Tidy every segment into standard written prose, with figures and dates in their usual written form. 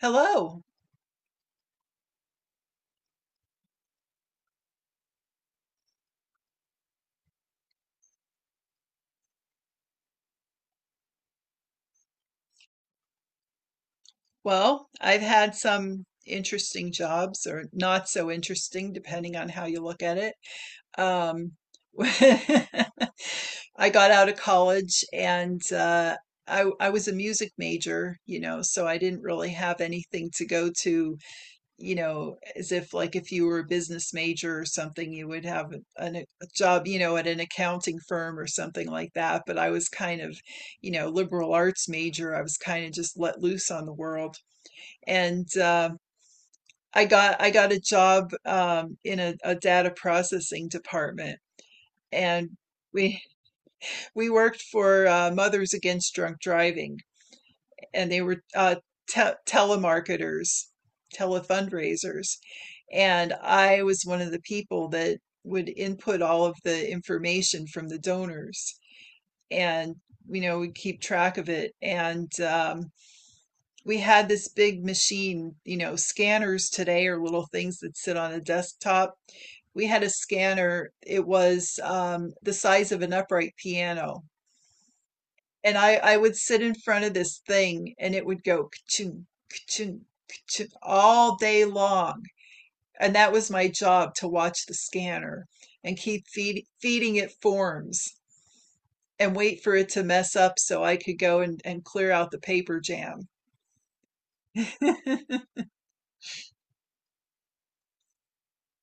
Hello. Well, I've had some interesting jobs or not so interesting, depending on how you look at it. Um, I got out of college and I was a music major, you know, so I didn't really have anything to go to, you know, as if like if you were a business major or something, you would have a job, you know, at an accounting firm or something like that. But I was kind of, you know, liberal arts major. I was kind of just let loose on the world. And I got a job in a data processing department, and we we worked for Mothers Against Drunk Driving. And they were telemarketers, telefundraisers. And I was one of the people that would input all of the information from the donors and, you know, we keep track of it. And we had this big machine. You know, scanners today are little things that sit on a desktop. We had a scanner, it was the size of an upright piano, and I would sit in front of this thing and it would go ka-ching, ka-ching, ka-ching all day long. And that was my job, to watch the scanner and keep feeding it forms and wait for it to mess up so I could go and, clear out the paper jam.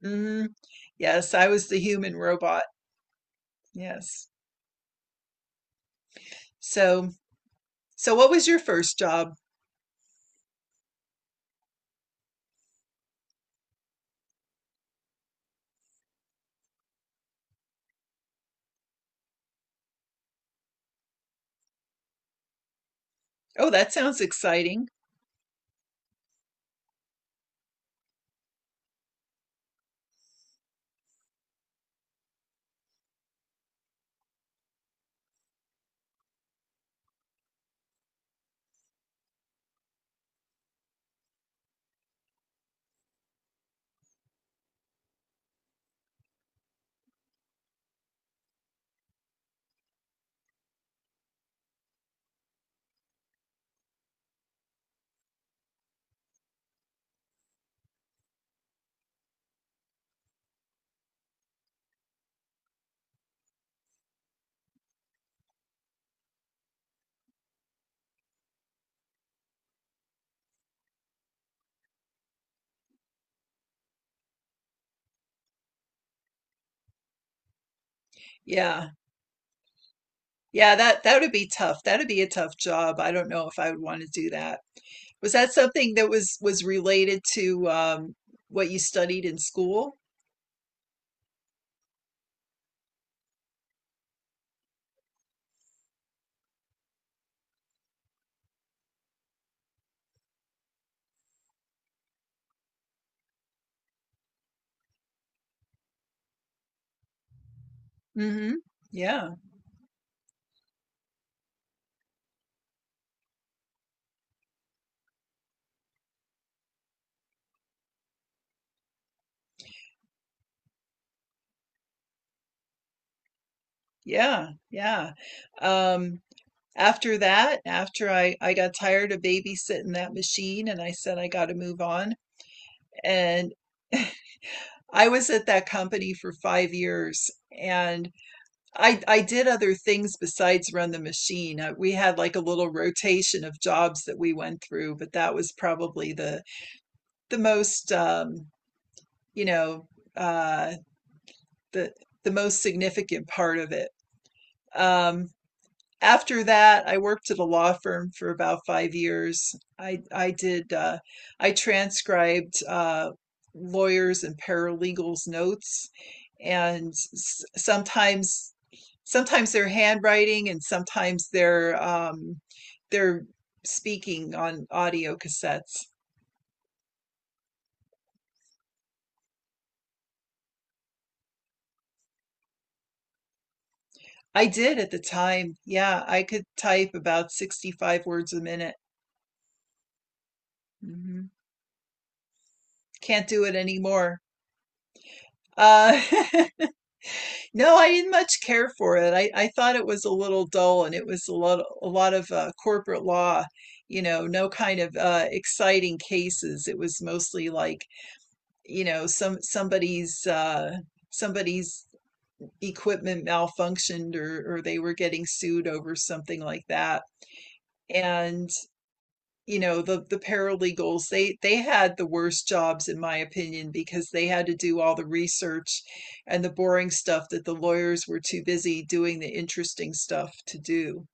Mhm. Yes, I was the human robot. Yes. So, so what was your first job? Oh, that sounds exciting. Yeah. Yeah, that would be tough. That would be a tough job. I don't know if I would want to do that. Was that something that was related to what you studied in school? Hmm. Yeah. Yeah. Yeah. Um, After that, after I got tired of babysitting that machine, and I said I got to move on. And I was at that company for 5 years, and I did other things besides run the machine. We had like a little rotation of jobs that we went through, but that was probably the most you know uh, the the most significant part of it. Um, After that, I worked at a law firm for about 5 years. I did I transcribed lawyers and paralegals' notes, and sometimes their handwriting and sometimes their speaking on audio cassettes. I did at the time. Yeah, I could type about 65 words a minute. Hmm. Can't do it anymore. Uh, no, I didn't much care for it. I thought it was a little dull, and it was a lot of corporate law, you know, no kind of exciting cases. It was mostly like, you know, somebody's somebody's equipment malfunctioned, or they were getting sued over something like that. You know, the paralegals, they had the worst jobs in my opinion, because they had to do all the research and the boring stuff that the lawyers were too busy doing the interesting stuff to do.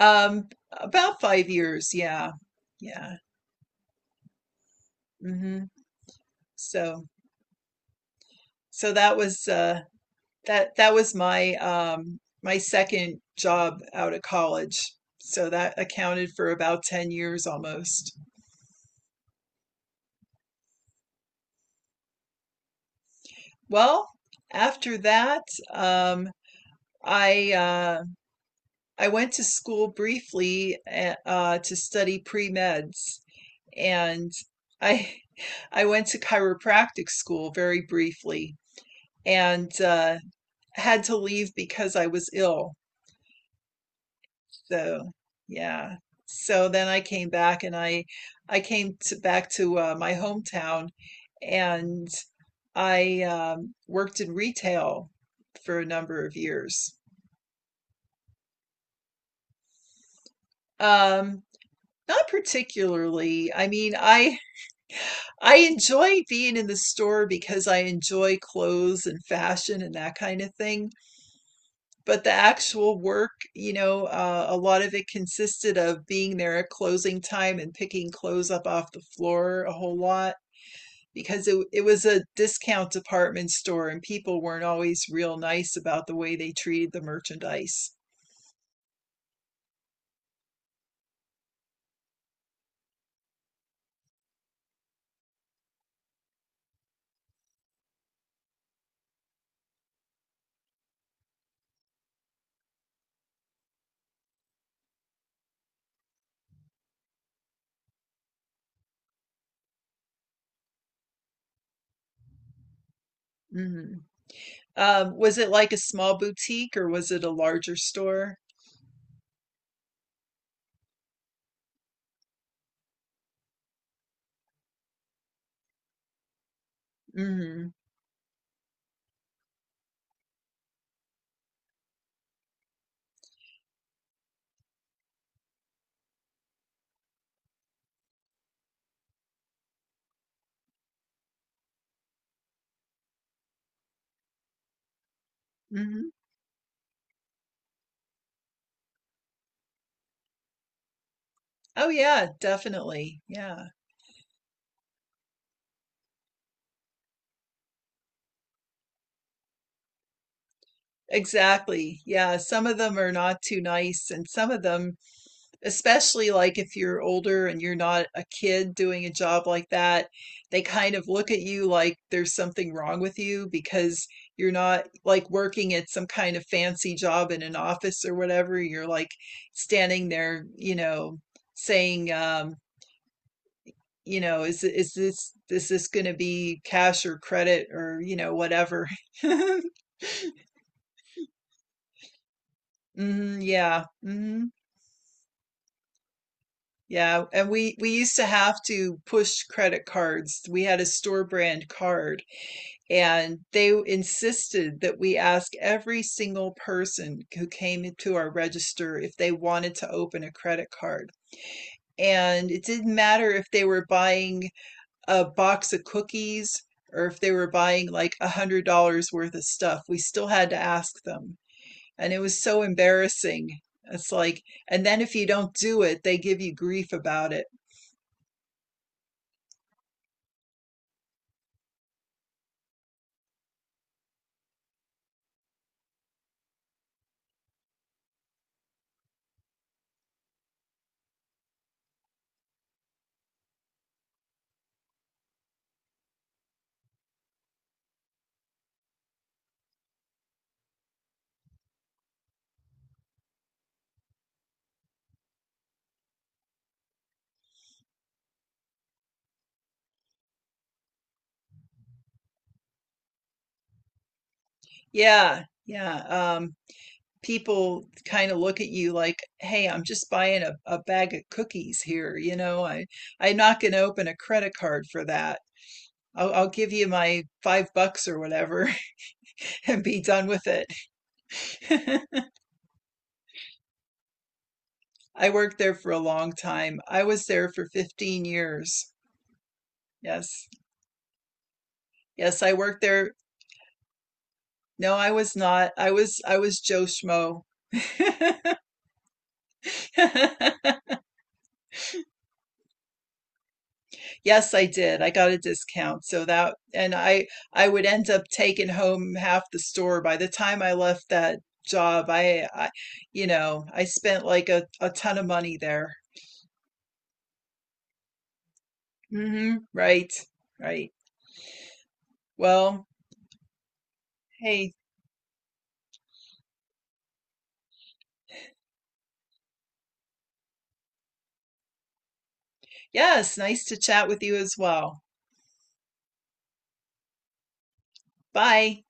About 5 years, yeah. Yeah. Mhm. So so that was that was my my second job out of college, so that accounted for about 10 years almost. Well, after that, um I uh, I went to school briefly, to study pre-meds, and I I went to chiropractic school very briefly, and had to leave because I was ill. So yeah, so then I came back and I came to back to my hometown, and I worked in retail for a number of years. Um, Not particularly. I mean, I enjoy being in the store because I enjoy clothes and fashion and that kind of thing. But the actual work, you know, a lot of it consisted of being there at closing time and picking clothes up off the floor a whole lot, because it was a discount department store and people weren't always real nice about the way they treated the merchandise. Mhm. Was it like a small boutique, or was it a larger store? Hmm. Hmm. Oh yeah, definitely. Yeah. Exactly. Yeah, some of them are not too nice, and some of them, especially like if you're older and you're not a kid doing a job like that, they kind of look at you like there's something wrong with you, because you're not like working at some kind of fancy job in an office or whatever. You're like standing there, you know, saying, you know, is this going to be cash or credit, or, you know, whatever. Hmm, yeah. Hmm. Yeah, and we used to have to push credit cards. We had a store brand card, and they insisted that we ask every single person who came to our register if they wanted to open a credit card. And it didn't matter if they were buying a box of cookies or if they were buying like $100 worth of stuff. We still had to ask them, and it was so embarrassing. It's like, and then if you don't do it, they give you grief about it. Yeah, yeah. Um, People kind of look at you like, "Hey, I'm just buying a bag of cookies here. You know, I'm not going to open a credit card for that. I'll give you my $5 or whatever and be done with it." I worked there for a long time. I was there for 15 years. Yes. Yes, I worked there. No, I was not. I was Joe Schmo. Yes, I did. I got a discount. So that, and I would end up taking home half the store by the time I left that job. I You know, I spent like a ton of money there. Mm-hmm. Right. Right. Well, hey, yes, nice to chat with you as well. Bye.